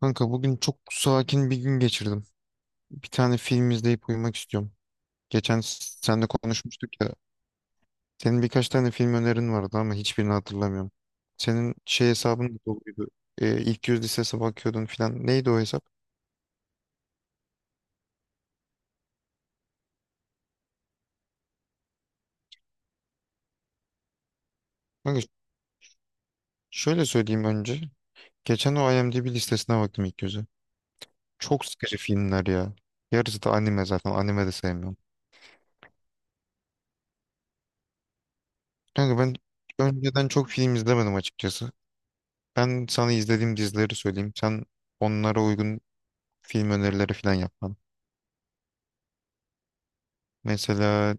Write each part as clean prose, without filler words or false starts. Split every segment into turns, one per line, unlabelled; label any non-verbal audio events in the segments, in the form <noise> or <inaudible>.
Kanka bugün çok sakin bir gün geçirdim. Bir tane film izleyip uyumak istiyorum. Geçen seninle konuşmuştuk ya. Senin birkaç tane film önerin vardı ama hiçbirini hatırlamıyorum. Senin şey hesabın da doluydu. İlk yüz listesine bakıyordun filan. Neydi o hesap? Kanka şöyle söyleyeyim önce. Geçen o IMDb listesine baktım ilk 100'ü. Çok sıkıcı filmler ya. Yarısı da anime zaten. Anime de sevmiyorum. Kanka ben önceden çok film izlemedim açıkçası. Ben sana izlediğim dizileri söyleyeyim. Sen onlara uygun film önerileri falan yapmam. Mesela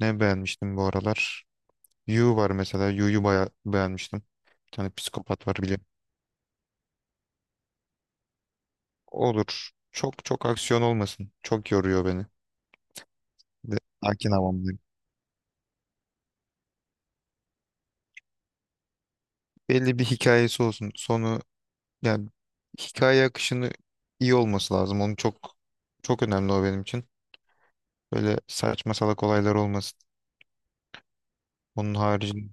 ne beğenmiştim bu aralar? You var mesela. You'yu bayağı beğenmiştim. Bir tane psikopat var biliyorum. Olur. Çok çok aksiyon olmasın. Çok yoruyor beni. Ve sakin havamdayım. Belli bir hikayesi olsun. Sonu, yani hikaye akışını iyi olması lazım. Onu çok, çok önemli o benim için. Böyle saçma salak olaylar olmasın. Onun haricinde.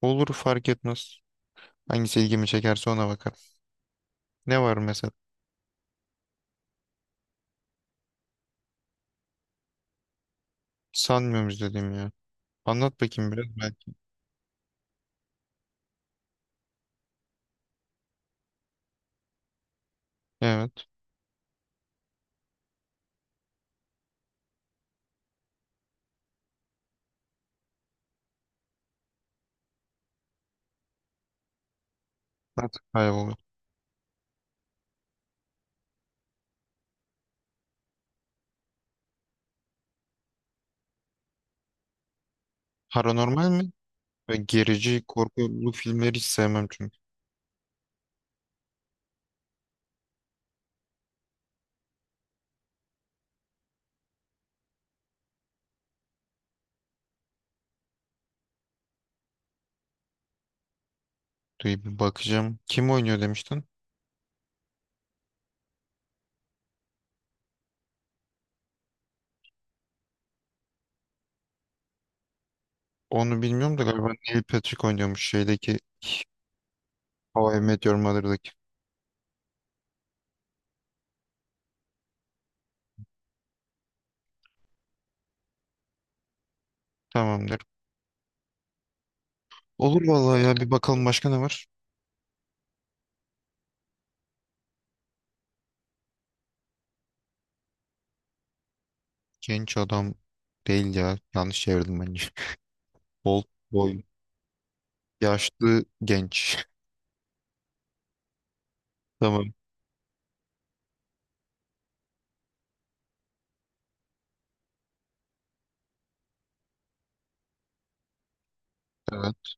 Olur, fark etmez. Hangisi ilgimi çekerse ona bakarım. Ne var mesela? Sanmıyorum izlediğim ya. Anlat bakayım biraz belki. Evet. Artık kayboldu. Paranormal mi? Ve gerici korkulu filmleri hiç sevmem çünkü. Dur bir bakacağım. Kim oynuyor demiştin? Onu bilmiyorum da galiba Neil Patrick oynuyormuş şeydeki How I Met Your Mother'daki. Tamamdır. Olur vallahi ya, bir bakalım başka ne var? Genç adam değil ya. Yanlış çevirdim bence. <laughs> Old boy. Yaşlı genç. <laughs> Tamam. Evet.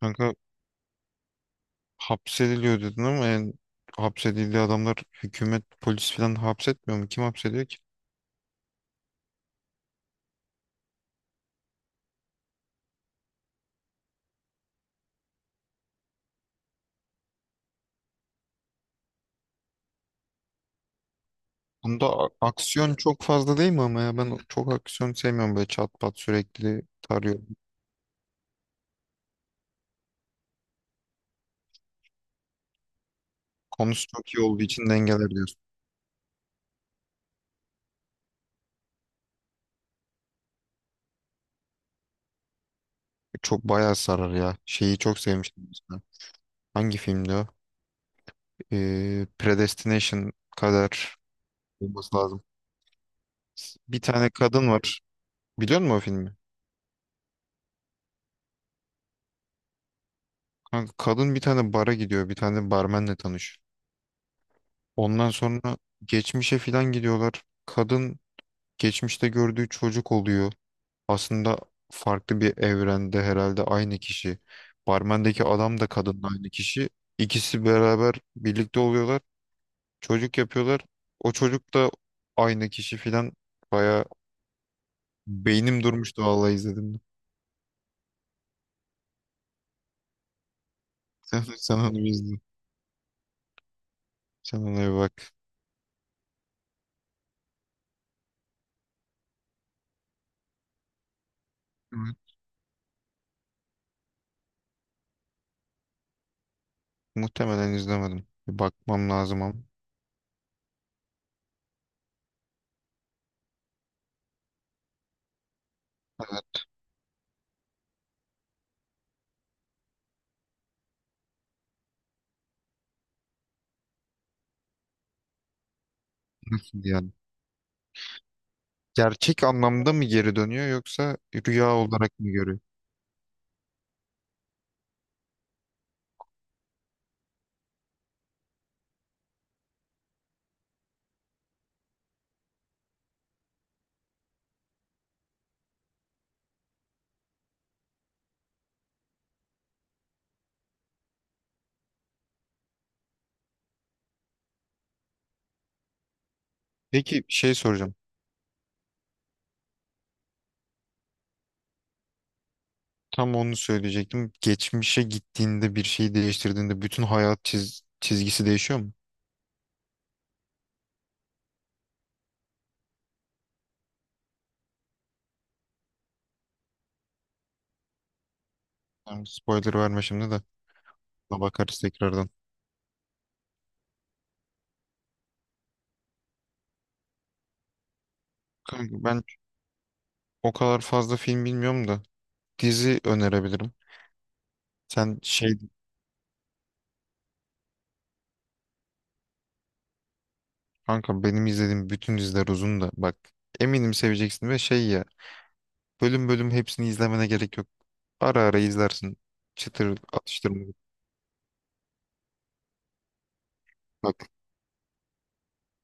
Kanka hapsediliyor dedin ama, yani hapsedildiği adamlar hükümet, polis falan hapsetmiyor mu? Kim hapsediyor ki? Bunda aksiyon çok fazla değil mi ama ya, ben çok aksiyon sevmiyorum, böyle çat pat sürekli tarıyorum. Konusu çok iyi olduğu için dengeler diyorsun. Çok bayağı sarar ya. Şeyi çok sevmiştim mesela. Hangi filmdi o? Predestination kadar olması lazım. Bir tane kadın var. Biliyor musun o filmi? Kanka, kadın bir tane bara gidiyor. Bir tane barmenle tanışıyor. Ondan sonra geçmişe filan gidiyorlar. Kadın geçmişte gördüğü çocuk oluyor. Aslında farklı bir evrende herhalde aynı kişi. Barmendeki adam da kadın da aynı kişi. İkisi beraber birlikte oluyorlar. Çocuk yapıyorlar. O çocuk da aynı kişi filan. Baya beynim durmuştu vallahi izledim. <laughs> Sen onu bir izle. Sen ona bir bak. Evet. Muhtemelen izlemedim. Bir bakmam lazım ama. Evet. Nasıl yani? Gerçek anlamda mı geri dönüyor yoksa rüya olarak mı görüyor? Peki şey soracağım. Tam onu söyleyecektim. Geçmişe gittiğinde bir şeyi değiştirdiğinde bütün hayat çizgisi değişiyor mu? Yani spoiler verme şimdi de. Buna bakarız tekrardan. Kanka ben o kadar fazla film bilmiyorum da dizi önerebilirim. Sen şey, kanka benim izlediğim bütün diziler uzun da bak, eminim seveceksin ve şey ya, bölüm bölüm hepsini izlemene gerek yok. Ara ara izlersin. Çıtır atıştırmalık. Bak,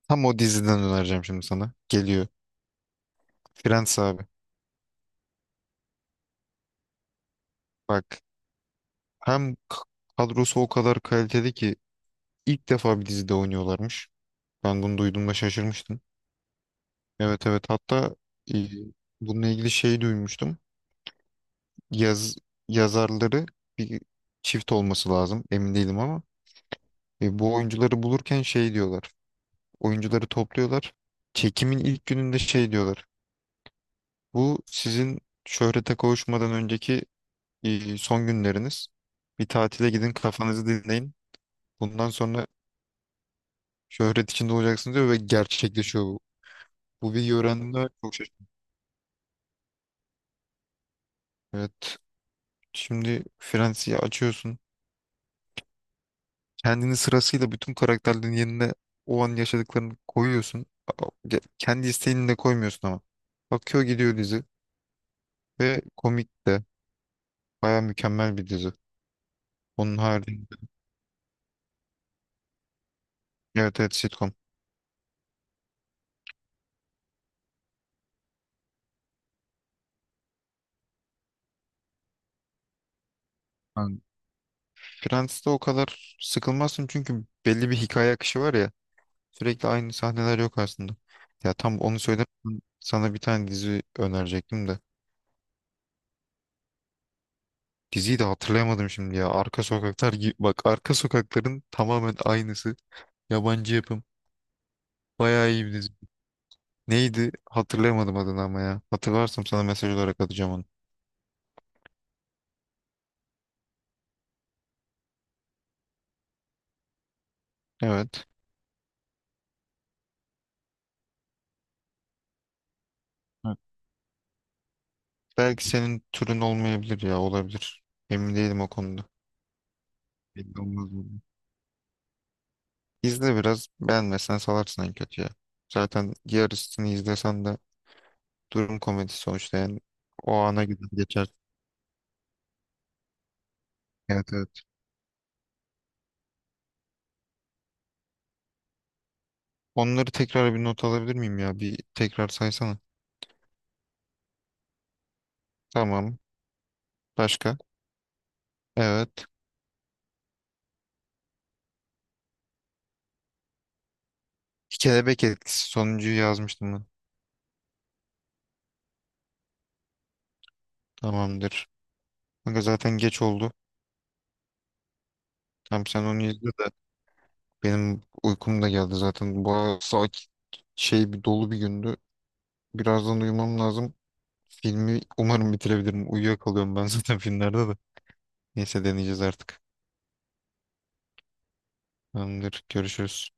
tam o diziden önereceğim şimdi sana. Geliyor. Friends abi. Bak, hem kadrosu o kadar kaliteli ki ilk defa bir dizide oynuyorlarmış. Ben bunu duyduğumda şaşırmıştım. Evet, evet, hatta e, bununla ilgili şey duymuştum. Yaz, yazarları bir çift olması lazım, emin değilim ama bu oyuncuları bulurken şey diyorlar. Oyuncuları topluyorlar. Çekimin ilk gününde şey diyorlar. Bu sizin şöhrete kavuşmadan önceki son günleriniz. Bir tatile gidin, kafanızı dinleyin. Bundan sonra şöhret içinde olacaksın diyor ve gerçekleşiyor bu. Bu bilgiyi öğrendiğimde çok şaşırdım. Evet. Şimdi Fransa'yı açıyorsun. Kendini sırasıyla bütün karakterlerin yerine, o an yaşadıklarını koyuyorsun. Kendi isteğini de koymuyorsun ama. Akıyor gidiyor dizi. Ve komik de. Baya mükemmel bir dizi. Onun haricinde. Evet evet, sitcom. Yani Friends'te o kadar sıkılmazsın çünkü belli bir hikaye akışı var ya. Sürekli aynı sahneler yok aslında. Ya tam onu söyledim. Sana bir tane dizi önerecektim de. Diziyi de hatırlayamadım şimdi ya. Arka Sokaklar gibi. Bak, Arka Sokakların tamamen aynısı. Yabancı yapım. Bayağı iyi bir dizi. Neydi? Hatırlayamadım adını ama ya. Hatırlarsam sana mesaj olarak atacağım onu. Evet. Evet. Belki senin türün olmayabilir ya. Olabilir. Emin değilim o konuda. Belli olmaz bu. İzle biraz. Beğenmezsen salarsın en kötü ya. Zaten yarısını izlesen de durum komedisi sonuçta yani. O ana gider geçer. Evet evet. Onları tekrar bir not alabilir miyim ya? Bir tekrar saysana. Tamam. Başka? Evet. Kelebek etkisi sonuncuyu yazmıştım ben. Tamamdır. Kanka zaten geç oldu. Tamam, sen onu izle de benim uykum da geldi zaten. Bu saat şey, bir dolu bir gündü. Birazdan uyumam lazım. Filmi umarım bitirebilirim. Uyuyakalıyorum ben <laughs> zaten filmlerde de. Neyse deneyeceğiz artık. Tamamdır. Görüşürüz.